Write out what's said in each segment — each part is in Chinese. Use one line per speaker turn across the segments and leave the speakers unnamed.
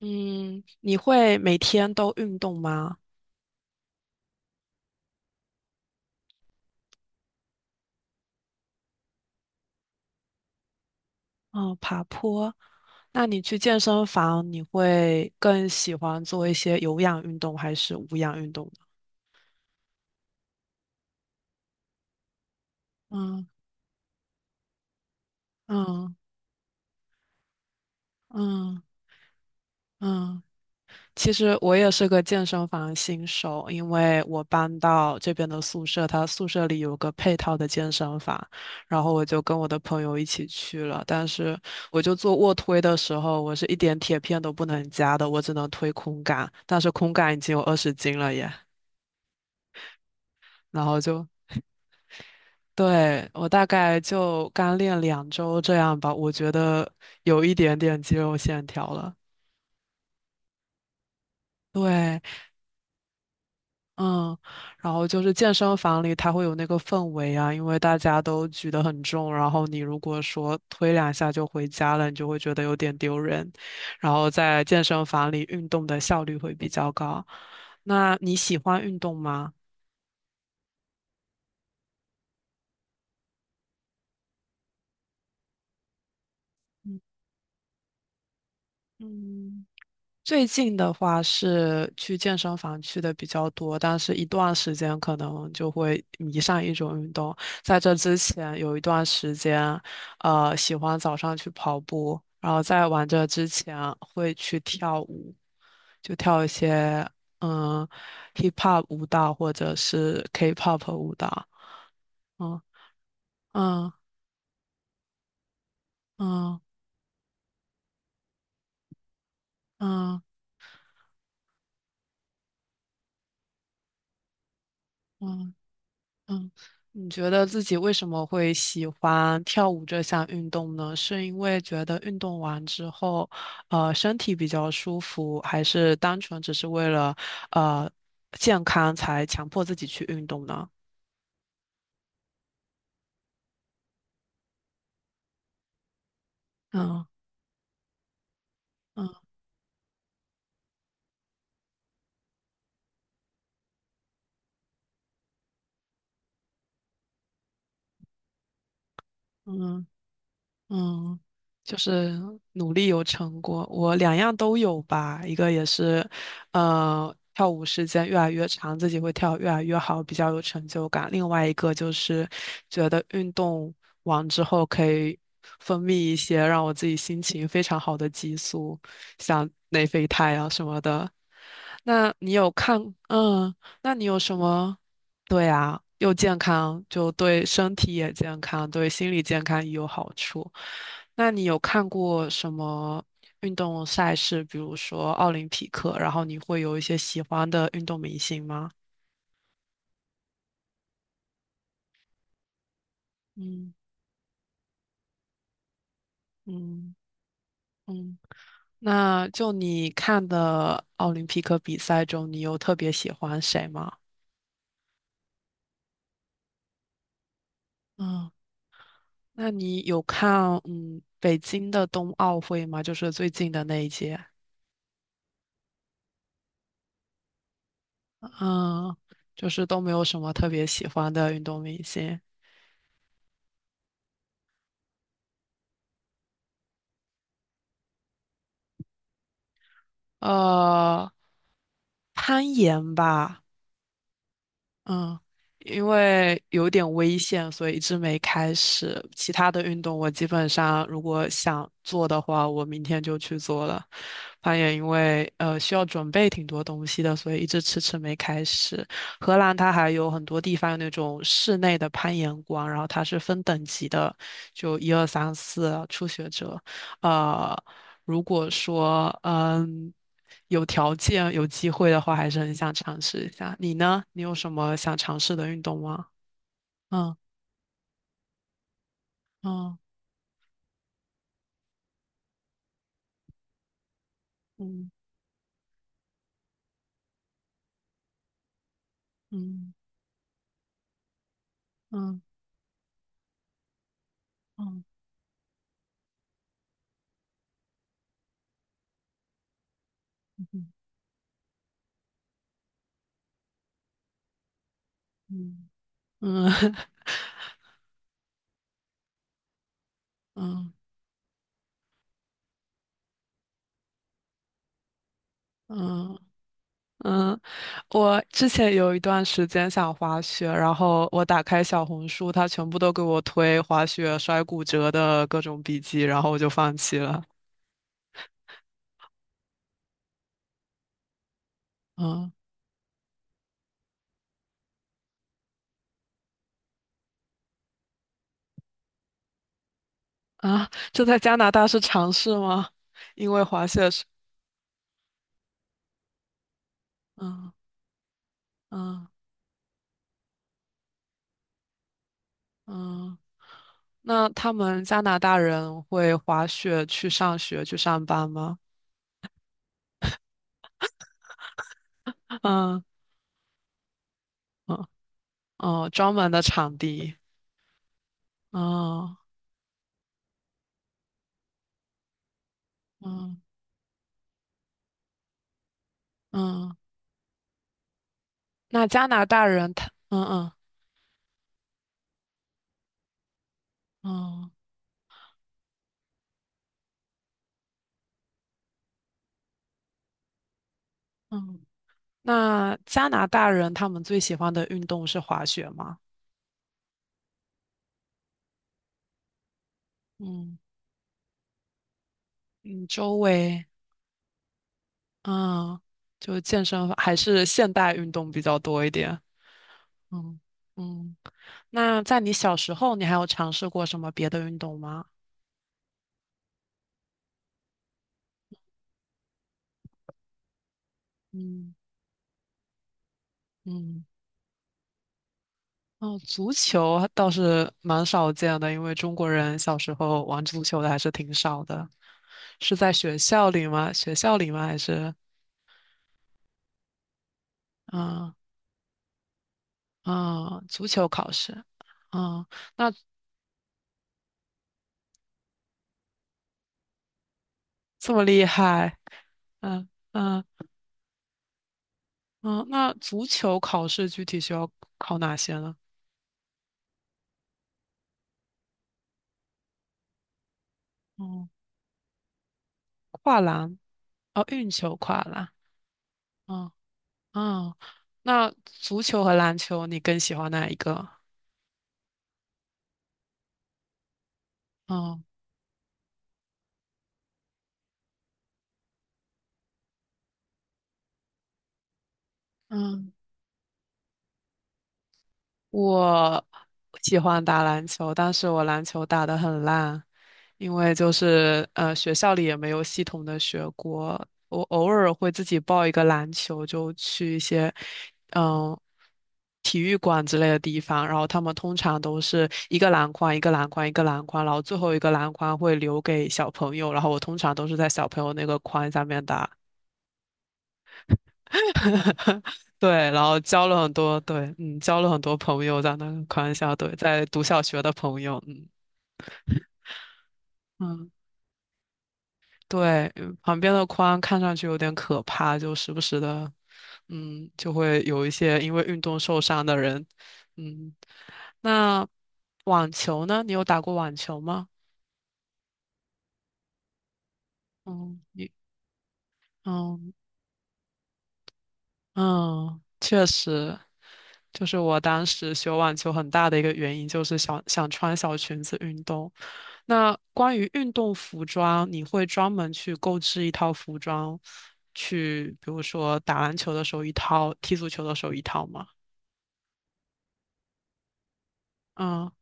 嗯，你会每天都运动吗？哦，爬坡。那你去健身房，你会更喜欢做一些有氧运动还是无氧运动呢？嗯嗯嗯嗯。其实我也是个健身房新手，因为我搬到这边的宿舍，它宿舍里有个配套的健身房，然后我就跟我的朋友一起去了。但是我就做卧推的时候，我是一点铁片都不能加的，我只能推空杆，但是空杆已经有20斤了耶。然后就，对，我大概就刚练2周这样吧，我觉得有一点点肌肉线条了。对，嗯，然后就是健身房里它会有那个氛围啊，因为大家都举得很重，然后你如果说推两下就回家了，你就会觉得有点丢人。然后在健身房里运动的效率会比较高。那你喜欢运动吗？嗯。嗯，最近的话是去健身房去的比较多，但是一段时间可能就会迷上一种运动。在这之前有一段时间，喜欢早上去跑步，然后在玩这之前会去跳舞，就跳一些嗯 hip hop 舞蹈或者是 K-pop 舞蹈。嗯嗯嗯嗯嗯嗯，你觉得自己为什么会喜欢跳舞这项运动呢？是因为觉得运动完之后，身体比较舒服，还是单纯只是为了呃健康才强迫自己去运动呢？嗯嗯嗯。嗯，就是努力有成果，我两样都有吧。一个也是，跳舞时间越来越长，自己会跳越来越好，比较有成就感。另外一个就是觉得运动完之后可以分泌一些让我自己心情非常好的激素，像内啡肽啊什么的。那你有看，嗯，那你有什么？对啊，又健康，就对身体也健康，对心理健康也有好处。那你有看过什么运动赛事，比如说奥林匹克，然后你会有一些喜欢的运动明星吗？嗯嗯嗯。那就你看的奥林匹克比赛中，你有特别喜欢谁吗？嗯，那你有看北京的冬奥会吗？就是最近的那一届。嗯，就是都没有什么特别喜欢的运动明星。呃，攀岩吧，嗯，因为有点危险，所以一直没开始。其他的运动我基本上如果想做的话，我明天就去做了。攀岩因为需要准备挺多东西的，所以一直迟迟没开始。荷兰它还有很多地方有那种室内的攀岩馆，然后它是分等级的，就一二三四初学者。呃，如果说。有条件、有机会的话，还是很想尝试一下。你呢？你有什么想尝试的运动吗？嗯嗯嗯嗯嗯嗯嗯嗯 嗯嗯嗯，我之前有一段时间想滑雪，然后我打开小红书，它全部都给我推滑雪摔骨折的各种笔记，然后我就放弃了。嗯啊，这在加拿大是常事吗？因为滑雪是嗯嗯嗯。那他们加拿大人会滑雪去上学去上班吗？嗯嗯专门的场地。嗯嗯嗯，那加拿大人他嗯嗯，那加拿大人他们最喜欢的运动是滑雪吗？嗯嗯，周围嗯，就健身还是现代运动比较多一点。嗯嗯，那在你小时候，你还有尝试过什么别的运动吗？嗯。嗯哦，足球倒是蛮少见的，因为中国人小时候玩足球的还是挺少的。是在学校里吗？学校里吗？还是嗯嗯，足球考试？嗯，那这么厉害？嗯嗯嗯，那足球考试具体需要考哪些呢？嗯，跨栏，哦，运球跨栏。嗯嗯，那足球和篮球你更喜欢哪一个？哦嗯。我喜欢打篮球，但是我篮球打得很烂，因为就是学校里也没有系统的学过。我偶尔会自己报一个篮球，就去一些嗯体育馆之类的地方，然后他们通常都是一个篮筐一个篮筐一个篮筐，然后最后一个篮筐会留给小朋友，然后我通常都是在小朋友那个筐下面打。对，然后交了很多，对，交了很多朋友在那个宽校，对，在读小学的朋友，嗯嗯，对，旁边的宽看上去有点可怕，就时不时的，就会有一些因为运动受伤的人，嗯，那网球呢？你有打过网球吗？嗯，你，嗯。嗯，确实，就是我当时学网球很大的一个原因就是想想穿小裙子运动。那关于运动服装，你会专门去购置一套服装，去比如说打篮球的时候一套，踢足球的时候一套吗？嗯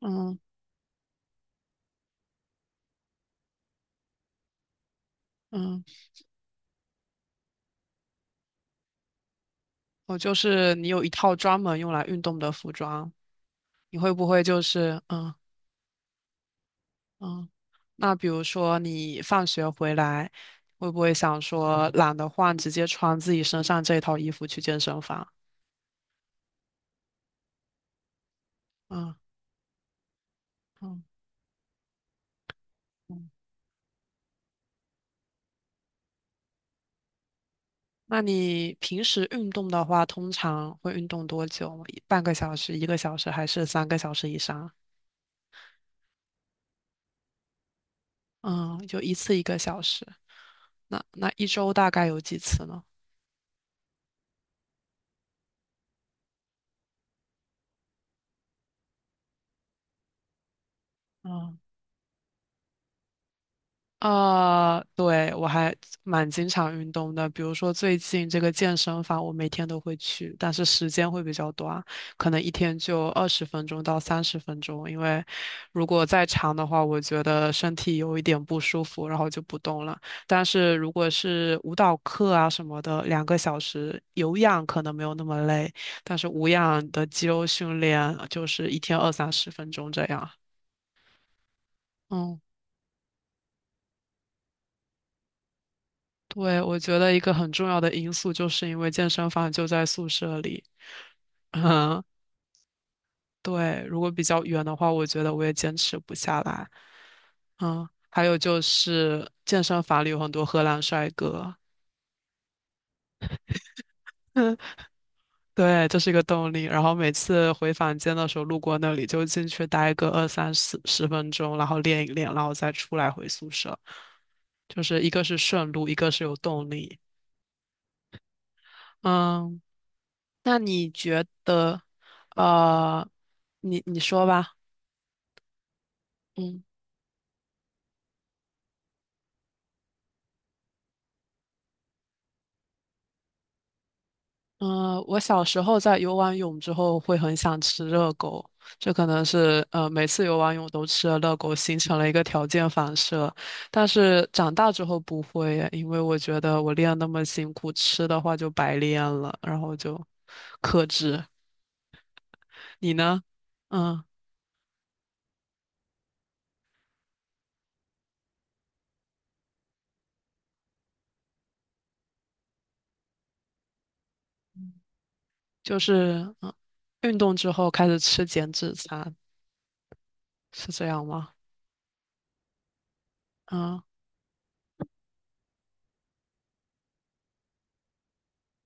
嗯嗯，我就是你有一套专门用来运动的服装，你会不会就是嗯？嗯，那比如说你放学回来，会不会想说懒得换，直接穿自己身上这套衣服去健身房？嗯嗯嗯。那你平时运动的话，通常会运动多久？半个小时、一个小时，还是三个小时以上？嗯，就一次一个小时。那那一周大概有几次呢？嗯。啊，对，我还蛮经常运动的，比如说最近这个健身房，我每天都会去，但是时间会比较短，可能一天就20分钟到三十分钟，因为如果再长的话，我觉得身体有一点不舒服，然后就不动了。但是如果是舞蹈课啊什么的，2个小时有氧可能没有那么累，但是无氧的肌肉训练就是一天二三十分钟这样。嗯。对，我觉得一个很重要的因素就是因为健身房就在宿舍里，嗯，对，如果比较远的话，我觉得我也坚持不下来。还有就是健身房里有很多荷兰帅哥，对，这是一个动力。然后每次回房间的时候路过那里，就进去待个二三十分钟，然后练一练，然后再出来回宿舍。就是一个是顺路，一个是有动力。嗯，那你觉得，呃，你说吧，嗯嗯、我小时候在游完泳之后会很想吃热狗，这可能是每次游完泳都吃了热狗，形成了一个条件反射。但是长大之后不会耶，因为我觉得我练那么辛苦，吃的话就白练了，然后就克制。你呢？嗯，就是运动之后开始吃减脂餐，是这样吗？嗯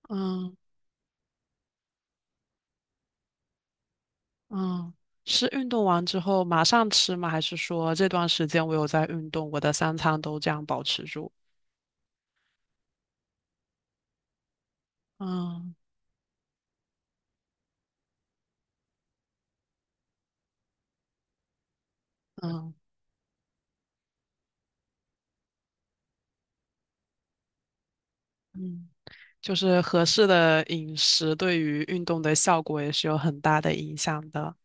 嗯。嗯，是运动完之后马上吃吗？还是说这段时间我有在运动，我的三餐都这样保持住？嗯嗯嗯，就是合适的饮食对于运动的效果也是有很大的影响的。